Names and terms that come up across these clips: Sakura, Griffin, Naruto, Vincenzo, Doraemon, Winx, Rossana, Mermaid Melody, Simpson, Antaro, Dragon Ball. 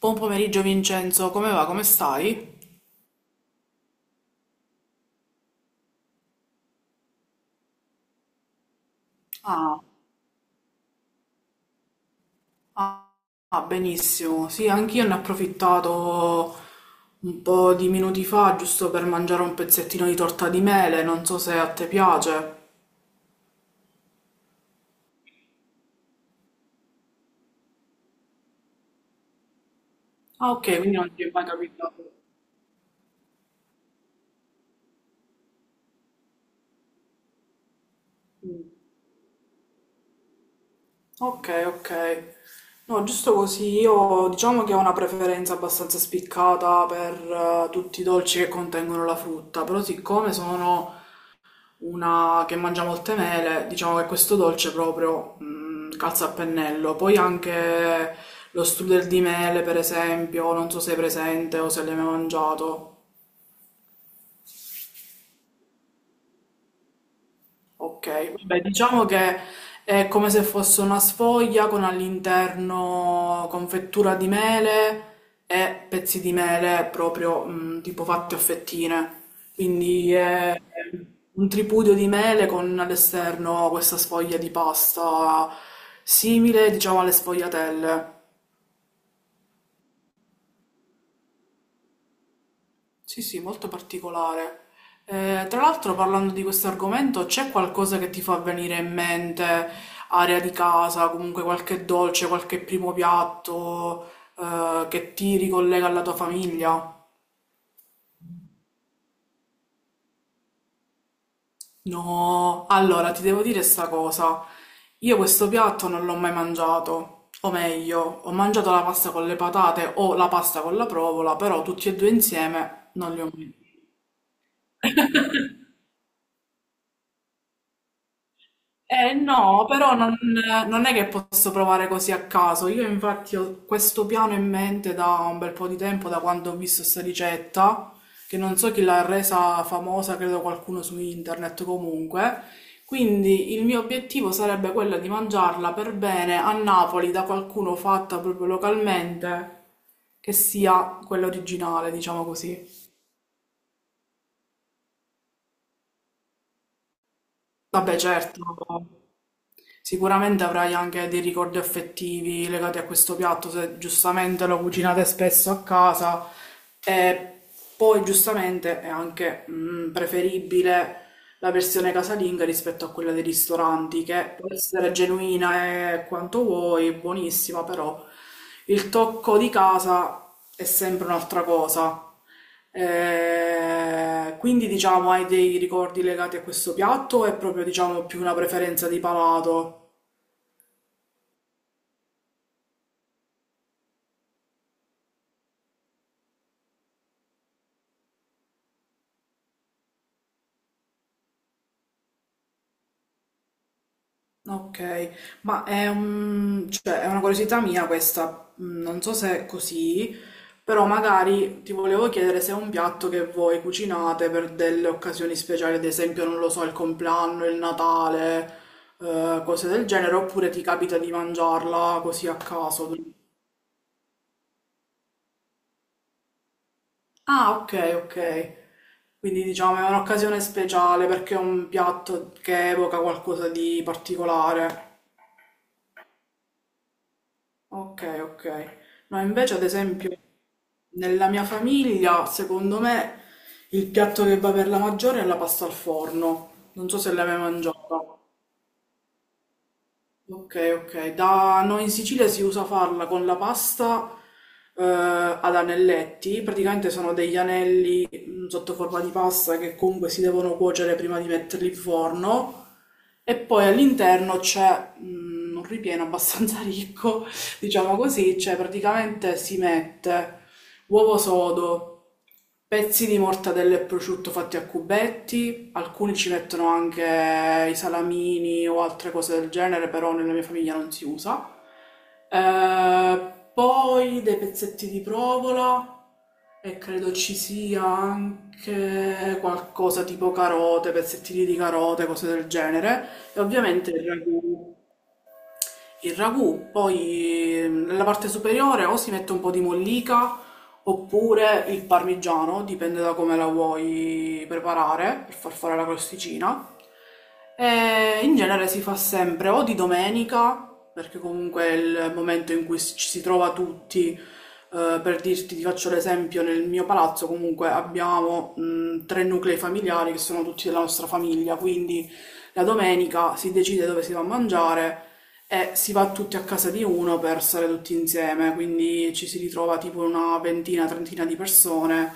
Buon pomeriggio Vincenzo, come va? Come stai? Ah, ah, ah, benissimo. Sì, anch'io ne ho approfittato un po' di minuti fa, giusto per mangiare un pezzettino di torta di mele, non so se a te piace. Ah, ok, quindi non ti è mai capitato. Mm. Ok, ok. No, giusto così, io diciamo che ho una preferenza abbastanza spiccata per tutti i dolci che contengono la frutta, però siccome sono una che mangia molte mele, diciamo che questo dolce proprio calza a pennello. Poi anche lo strudel di mele, per esempio, non so se è presente o se l'hai mai mangiato. Ok, beh, diciamo che è come se fosse una sfoglia con all'interno confettura di mele e pezzi di mele proprio tipo fatti a fettine. Quindi è un tripudio di mele con all'esterno questa sfoglia di pasta simile, diciamo, alle sfogliatelle. Sì, sì, molto particolare. Tra l'altro, parlando di questo argomento, c'è qualcosa che ti fa venire in mente, area di casa, comunque qualche dolce, qualche primo piatto, che ti ricollega alla tua famiglia? No, allora ti devo dire sta cosa. Io questo piatto non l'ho mai mangiato, o meglio, ho mangiato la pasta con le patate o la pasta con la provola, però tutti e due insieme non li ho mai. Eh no, però non è che posso provare così a caso. Io infatti ho questo piano in mente da un bel po' di tempo, da quando ho visto questa ricetta, che non so chi l'ha resa famosa, credo qualcuno su internet comunque. Quindi il mio obiettivo sarebbe quello di mangiarla per bene a Napoli da qualcuno fatta proprio localmente, che sia quella originale, diciamo così. Vabbè, certo. Sicuramente avrai anche dei ricordi affettivi legati a questo piatto, se giustamente lo cucinate spesso a casa e poi giustamente è anche preferibile la versione casalinga rispetto a quella dei ristoranti, che può essere genuina e quanto vuoi, buonissima, però il tocco di casa è sempre un'altra cosa. Quindi diciamo, hai dei ricordi legati a questo piatto o è proprio diciamo più una preferenza di palato? Ok, ma cioè, è una curiosità mia questa, non so se è così, però magari ti volevo chiedere se è un piatto che voi cucinate per delle occasioni speciali, ad esempio, non lo so, il compleanno, il Natale, cose del genere, oppure ti capita di mangiarla così a caso. Ah, ok, ok. Quindi diciamo è un'occasione speciale perché è un piatto che evoca qualcosa di particolare. Ok, ok. No, invece, ad esempio, nella mia famiglia, secondo me, il piatto che va per la maggiore è la pasta al forno. Non so se l'hai mai mangiata. Ok, ok. Da noi in Sicilia si usa farla con la pasta ad anelletti, praticamente sono degli anelli sotto forma di pasta che comunque si devono cuocere prima di metterli in forno e poi all'interno c'è un ripieno abbastanza ricco, diciamo così, cioè praticamente si mette uovo sodo, pezzi di mortadella e prosciutto fatti a cubetti, sì, alcuni ci mettono anche i salamini o altre cose del genere, però nella mia famiglia non si usa. Poi dei pezzetti di provola e credo ci sia anche qualcosa tipo carote, pezzettini di carote, cose del genere. E ovviamente il ragù, poi nella parte superiore o si mette un po' di mollica oppure il parmigiano, dipende da come la vuoi preparare per far fare la crosticina. E in genere si fa sempre o di domenica, perché comunque è il momento in cui ci si trova tutti. Per dirti, ti faccio l'esempio, nel mio palazzo comunque abbiamo tre nuclei familiari che sono tutti della nostra famiglia, quindi la domenica si decide dove si va a mangiare e si va tutti a casa di uno per stare tutti insieme, quindi ci si ritrova tipo una ventina, trentina di persone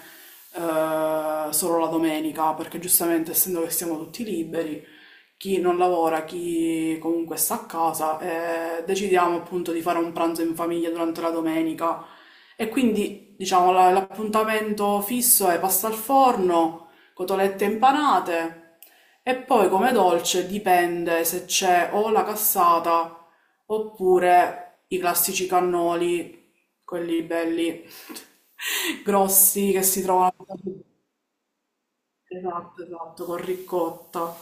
solo la domenica, perché giustamente essendo che siamo tutti liberi, chi non lavora, chi comunque sta a casa, decidiamo appunto di fare un pranzo in famiglia durante la domenica. E quindi, diciamo, l'appuntamento fisso è pasta al forno, cotolette impanate. E poi come dolce dipende se c'è o la cassata oppure i classici cannoli, quelli belli grossi che si trovano. Esatto, esatto, con ricotta.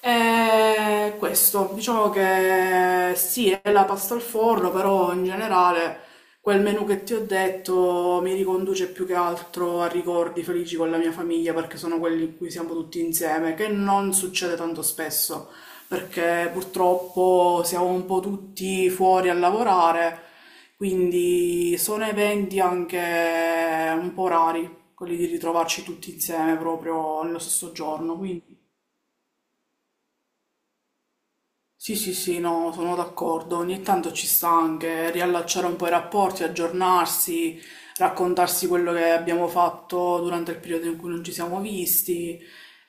E questo, diciamo che sì, è la pasta al forno, però in generale quel menù che ti ho detto mi riconduce più che altro a ricordi felici con la mia famiglia perché sono quelli in cui siamo tutti insieme, che non succede tanto spesso perché purtroppo siamo un po' tutti fuori a lavorare, quindi sono eventi anche un po' rari, quelli di ritrovarci tutti insieme proprio nello stesso giorno, quindi. Sì, sì, sì, no, sono d'accordo. Ogni tanto ci sta anche riallacciare un po' i rapporti, aggiornarsi, raccontarsi quello che abbiamo fatto durante il periodo in cui non ci siamo visti,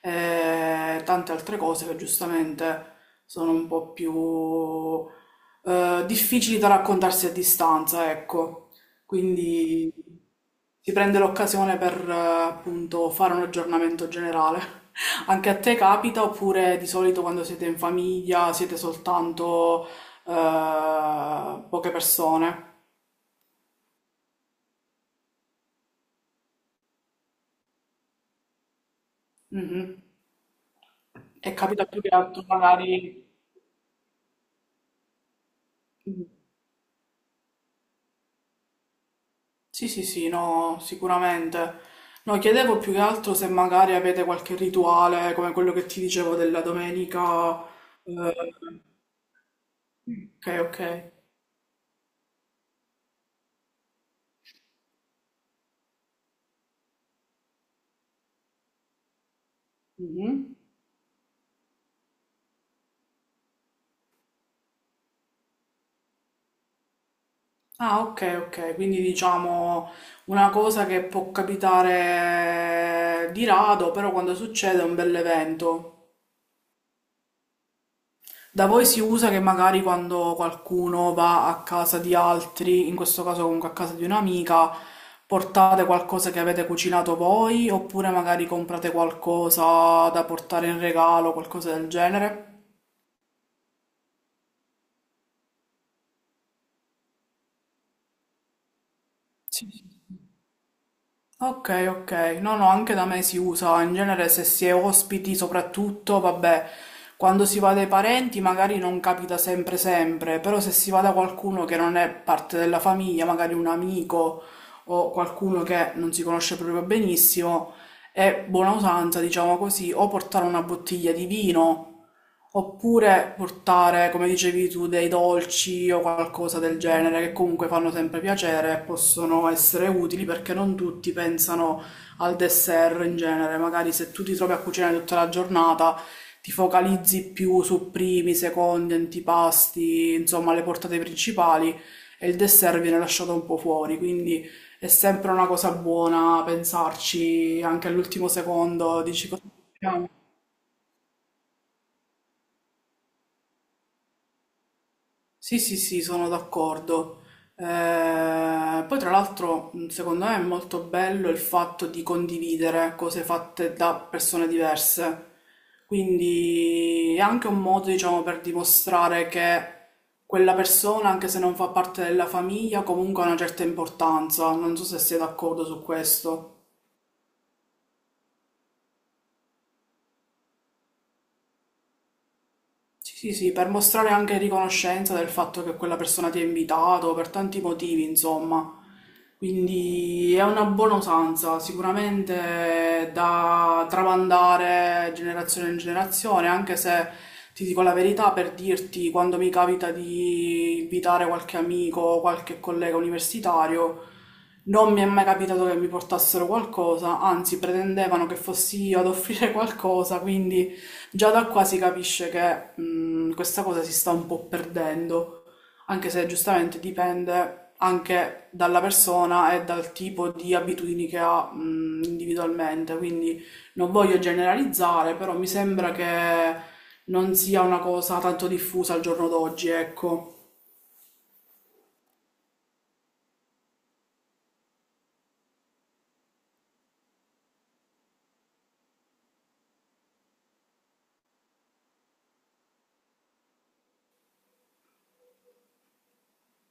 e tante altre cose che giustamente sono un po' più difficili da raccontarsi a distanza, ecco. Quindi si prende l'occasione per appunto fare un aggiornamento generale. Anche a te capita oppure di solito quando siete in famiglia siete soltanto poche persone? Mhm. E capita più che altro magari... Sì, sì, sì, no, sicuramente. No, chiedevo più che altro se magari avete qualche rituale come quello che ti dicevo della domenica. eh, Ok, ok. Mhm. Ah, ok, ok, quindi diciamo una cosa che può capitare di rado, però quando succede è un bell'evento. Da voi si usa che magari quando qualcuno va a casa di altri, in questo caso comunque a casa di un'amica, portate qualcosa che avete cucinato voi, oppure magari comprate qualcosa da portare in regalo, qualcosa del genere? Sì. Ok, ok. No, no, anche da me si usa. In genere se si è ospiti, soprattutto, vabbè, quando si va dai parenti magari non capita sempre sempre, però se si va da qualcuno che non è parte della famiglia, magari un amico o qualcuno che non si conosce proprio benissimo, è buona usanza, diciamo così, o portare una bottiglia di vino. Oppure portare, come dicevi tu, dei dolci o qualcosa del genere che comunque fanno sempre piacere e possono essere utili perché non tutti pensano al dessert in genere. Magari se tu ti trovi a cucinare tutta la giornata, ti focalizzi più su primi, secondi, antipasti, insomma, le portate principali e il dessert viene lasciato un po' fuori. Quindi è sempre una cosa buona pensarci anche all'ultimo secondo, dici cosa facciamo? Sì, sì, sì, sono d'accordo. Poi tra l'altro, secondo me è molto bello il fatto di condividere cose fatte da persone diverse. Quindi è anche un modo, diciamo, per dimostrare che quella persona, anche se non fa parte della famiglia, comunque ha una certa importanza. Non so se sei d'accordo su questo. Sì, sì, sì, per mostrare anche riconoscenza del fatto che quella persona ti ha invitato per tanti motivi, insomma. Quindi è una buona usanza, sicuramente da tramandare generazione in generazione, anche se ti dico la verità per dirti, quando mi capita di invitare qualche amico o qualche collega universitario, non mi è mai capitato che mi portassero qualcosa, anzi pretendevano che fossi io ad offrire qualcosa, quindi... Già da qua si capisce che questa cosa si sta un po' perdendo, anche se giustamente dipende anche dalla persona e dal tipo di abitudini che ha individualmente. Quindi non voglio generalizzare, però mi sembra che non sia una cosa tanto diffusa al giorno d'oggi, ecco.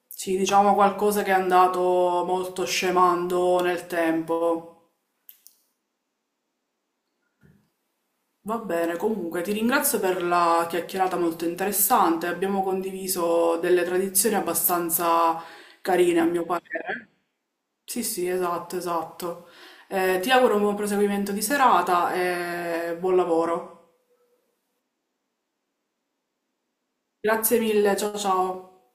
Sì, diciamo qualcosa che è andato molto scemando nel tempo. Va bene, comunque ti ringrazio per la chiacchierata molto interessante. Abbiamo condiviso delle tradizioni abbastanza carine, a mio parere. Sì, sì, esatto, esatto. Ti auguro un buon proseguimento di serata e buon lavoro. Grazie mille, ciao ciao.